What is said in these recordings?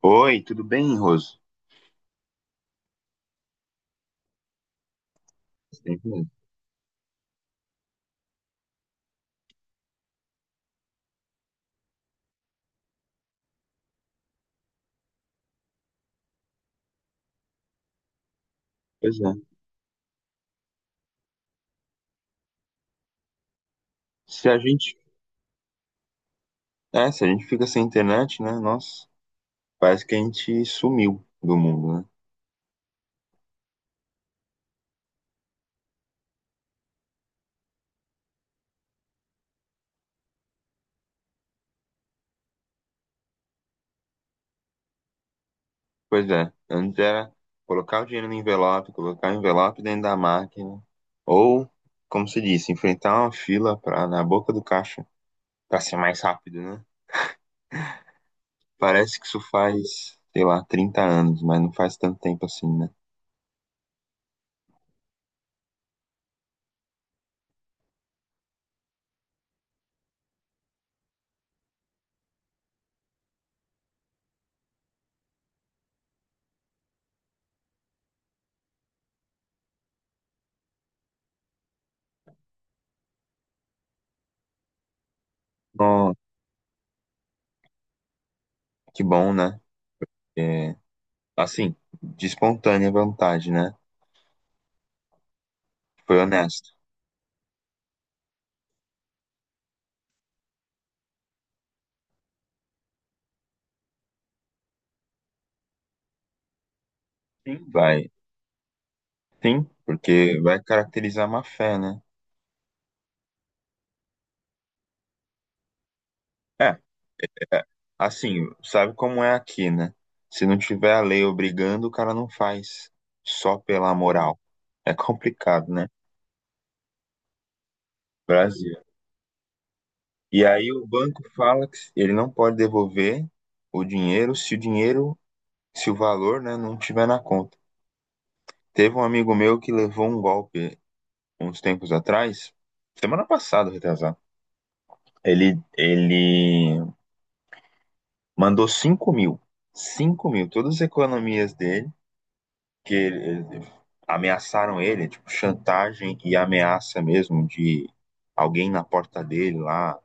Oi, tudo bem, Roso? Sim. Pois é. Se a gente, se a gente fica sem internet, né? Nossa, parece que a gente sumiu do mundo, né? Pois é. Antes era colocar o dinheiro no envelope, colocar o envelope dentro da máquina, ou, como se disse, enfrentar uma fila pra, na boca do caixa para ser mais rápido, né? Parece que isso faz, sei lá, 30 anos, mas não faz tanto tempo assim, né? Ó, que bom, né? É, assim, de espontânea vontade, né? Foi honesto. Sim, vai. Sim, porque vai caracterizar má fé, né? É, é, assim, sabe como é aqui, né? Se não tiver a lei obrigando, o cara não faz só pela moral. É complicado, né? Brasil. E aí o banco fala que ele não pode devolver o dinheiro se o valor, né, não tiver na conta. Teve um amigo meu que levou um golpe uns tempos atrás, semana passada, retrasado. Ele mandou 5 mil. 5 mil. Todas as economias dele, que ele- ele- ameaçaram ele, tipo, chantagem e ameaça mesmo de alguém na porta dele lá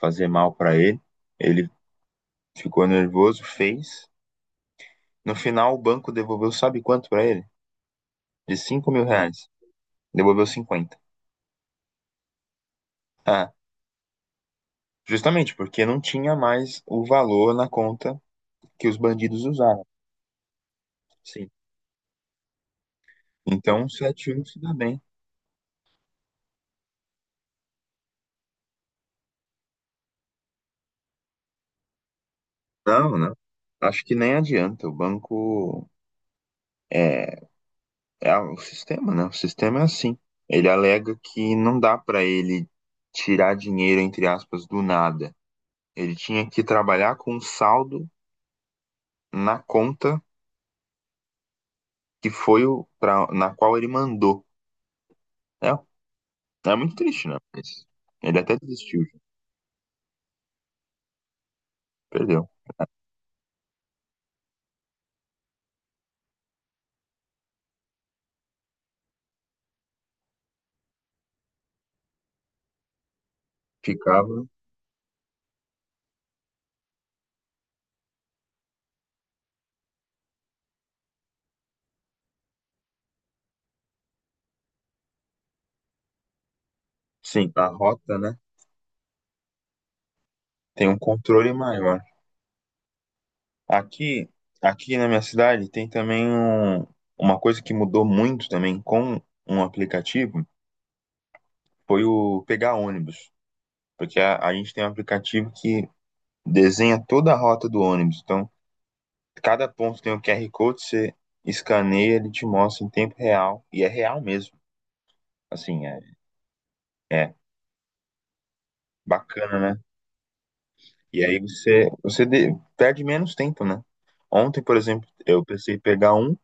fazer mal pra ele. Ele ficou nervoso, fez. No final, o banco devolveu, sabe quanto pra ele? De 5 mil reais. Devolveu 50. Ah, justamente porque não tinha mais o valor na conta que os bandidos usaram. Sim. Então, o 7-1 se dá bem. Não, não. Acho que nem adianta. O banco é, é o sistema, né? O sistema é assim. Ele alega que não dá para ele tirar dinheiro, entre aspas, do nada. Ele tinha que trabalhar com um saldo na conta que foi o pra, na qual ele mandou. É, é muito triste, né? Mas ele até desistiu, perdeu. Ficava, sim, a rota, né? Tem um controle maior. Aqui, aqui na minha cidade tem também uma coisa que mudou muito também com um aplicativo, foi o pegar ônibus, porque a gente tem um aplicativo que desenha toda a rota do ônibus. Então, cada ponto tem um QR Code, você escaneia, ele te mostra em tempo real, e é real mesmo. Assim, é bacana, né? E aí você perde menos tempo, né? Ontem, por exemplo, eu pensei em pegar um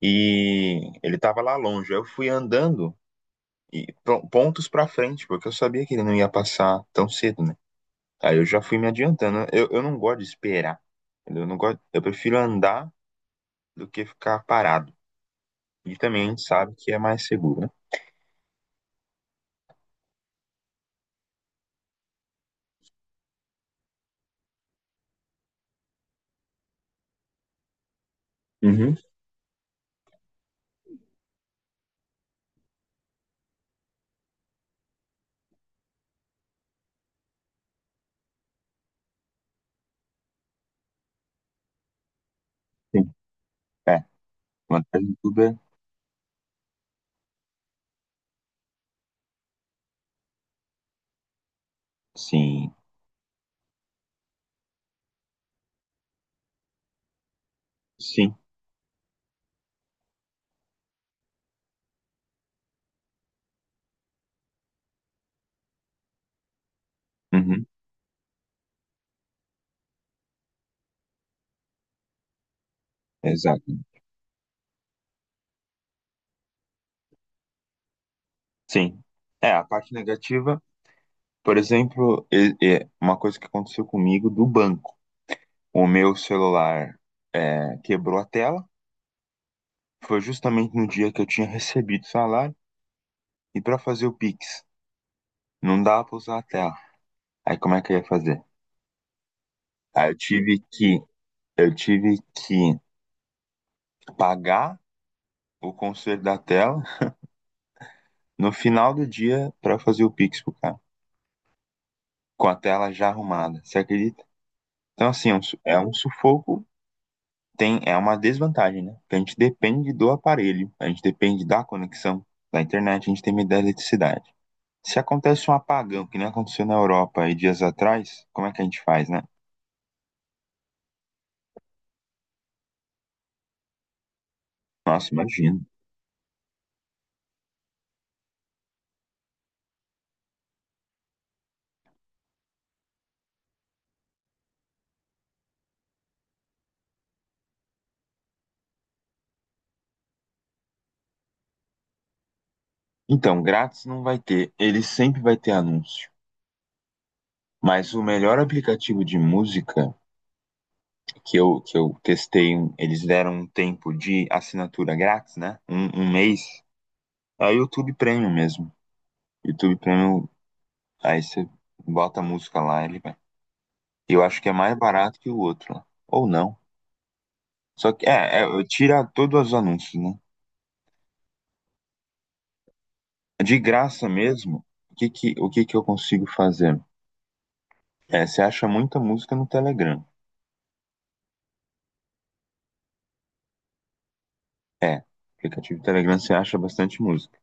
e ele tava lá longe. Aí eu fui andando e pontos pra frente, porque eu sabia que ele não ia passar tão cedo, né? Aí eu já fui me adiantando, né? Eu não gosto de esperar, entendeu? Eu não gosto, eu prefiro andar do que ficar parado. E também a gente sabe que é mais seguro, né? Uhum, sim. É, vantagem de tudo é sim, sim, uhum, exato. Sim. É, a parte negativa, por exemplo, é uma coisa que aconteceu comigo do banco. O meu celular quebrou a tela. Foi justamente no dia que eu tinha recebido o salário. E para fazer o Pix, não dá para usar a tela. Aí como é que eu ia fazer? Aí eu tive que pagar o conserto da tela no final do dia para fazer o Pix pro cara, com a tela já arrumada. Você acredita? Então assim, é um sufoco, tem, é uma desvantagem, né? Porque a gente depende do aparelho, a gente depende da conexão da internet, a gente tem medo da eletricidade. Se acontece um apagão, que nem aconteceu na Europa aí dias atrás, como é que a gente faz, né? Nossa, imagina. Então, grátis não vai ter, ele sempre vai ter anúncio. Mas o melhor aplicativo de música que eu testei, eles deram um tempo de assinatura grátis, né? Um mês. É o YouTube Premium mesmo. YouTube Premium, aí você bota a música lá, ele vai. Eu acho que é mais barato que o outro, né? Ou não. Só que, tira todos os anúncios, né? De graça mesmo, o que que eu consigo fazer? É, você acha muita música no Telegram. É, no aplicativo do Telegram você acha bastante música.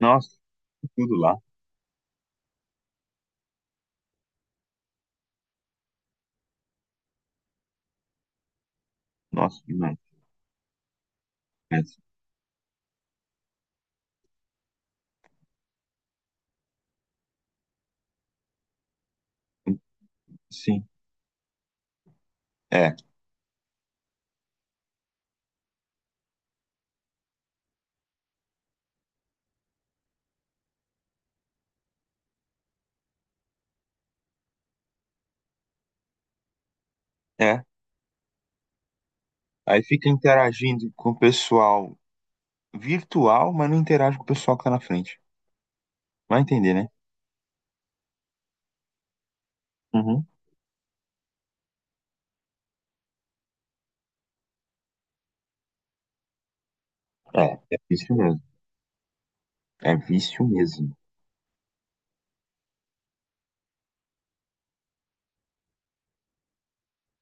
Nossa, tudo lá. Nossa, demais. É, sim, é, é. Aí fica interagindo com o pessoal virtual, mas não interage com o pessoal que tá na frente. Vai entender, né? Uhum. É, é vício mesmo. É vício mesmo.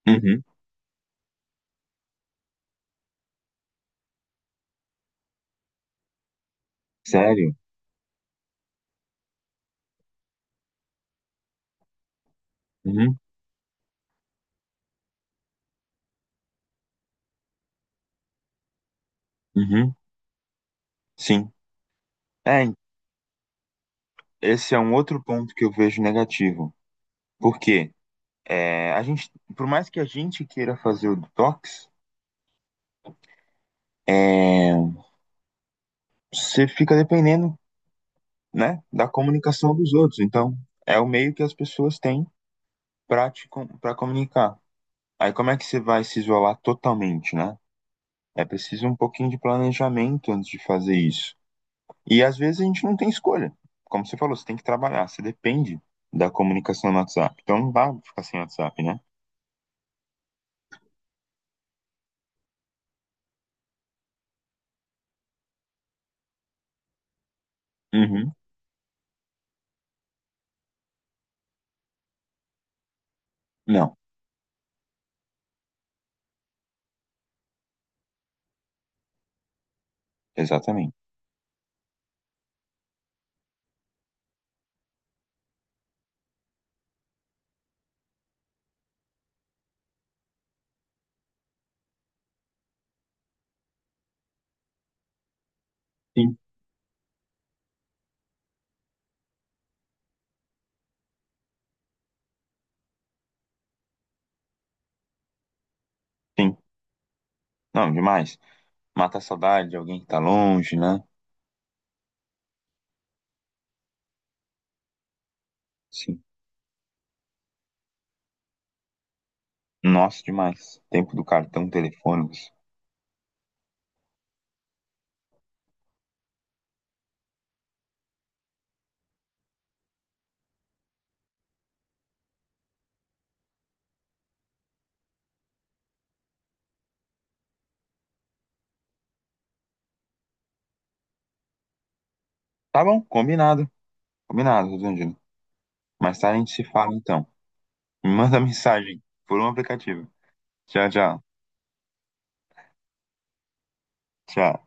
Uhum. Sério? Uhum. Uhum. Sim. É, esse é um outro ponto que eu vejo negativo. Por quê? É, a gente, por mais que a gente queira fazer o detox, é, você fica dependendo, né, da comunicação dos outros. Então, é o meio que as pessoas têm para para comunicar. Aí, como é que você vai se isolar totalmente, né? É preciso um pouquinho de planejamento antes de fazer isso. E às vezes a gente não tem escolha. Como você falou, você tem que trabalhar, você depende da comunicação no WhatsApp. Então não dá pra ficar sem WhatsApp, né? Uhum. Não, exatamente. Sim, sim. Não, demais. Mata a saudade de alguém que tá longe, né? Sim. Nossa, demais. Tempo do cartão telefônico. Tá bom, combinado. Combinado, Rosandino. Mais tarde a gente se fala então. Me manda mensagem por um aplicativo. Tchau, tchau. Tchau.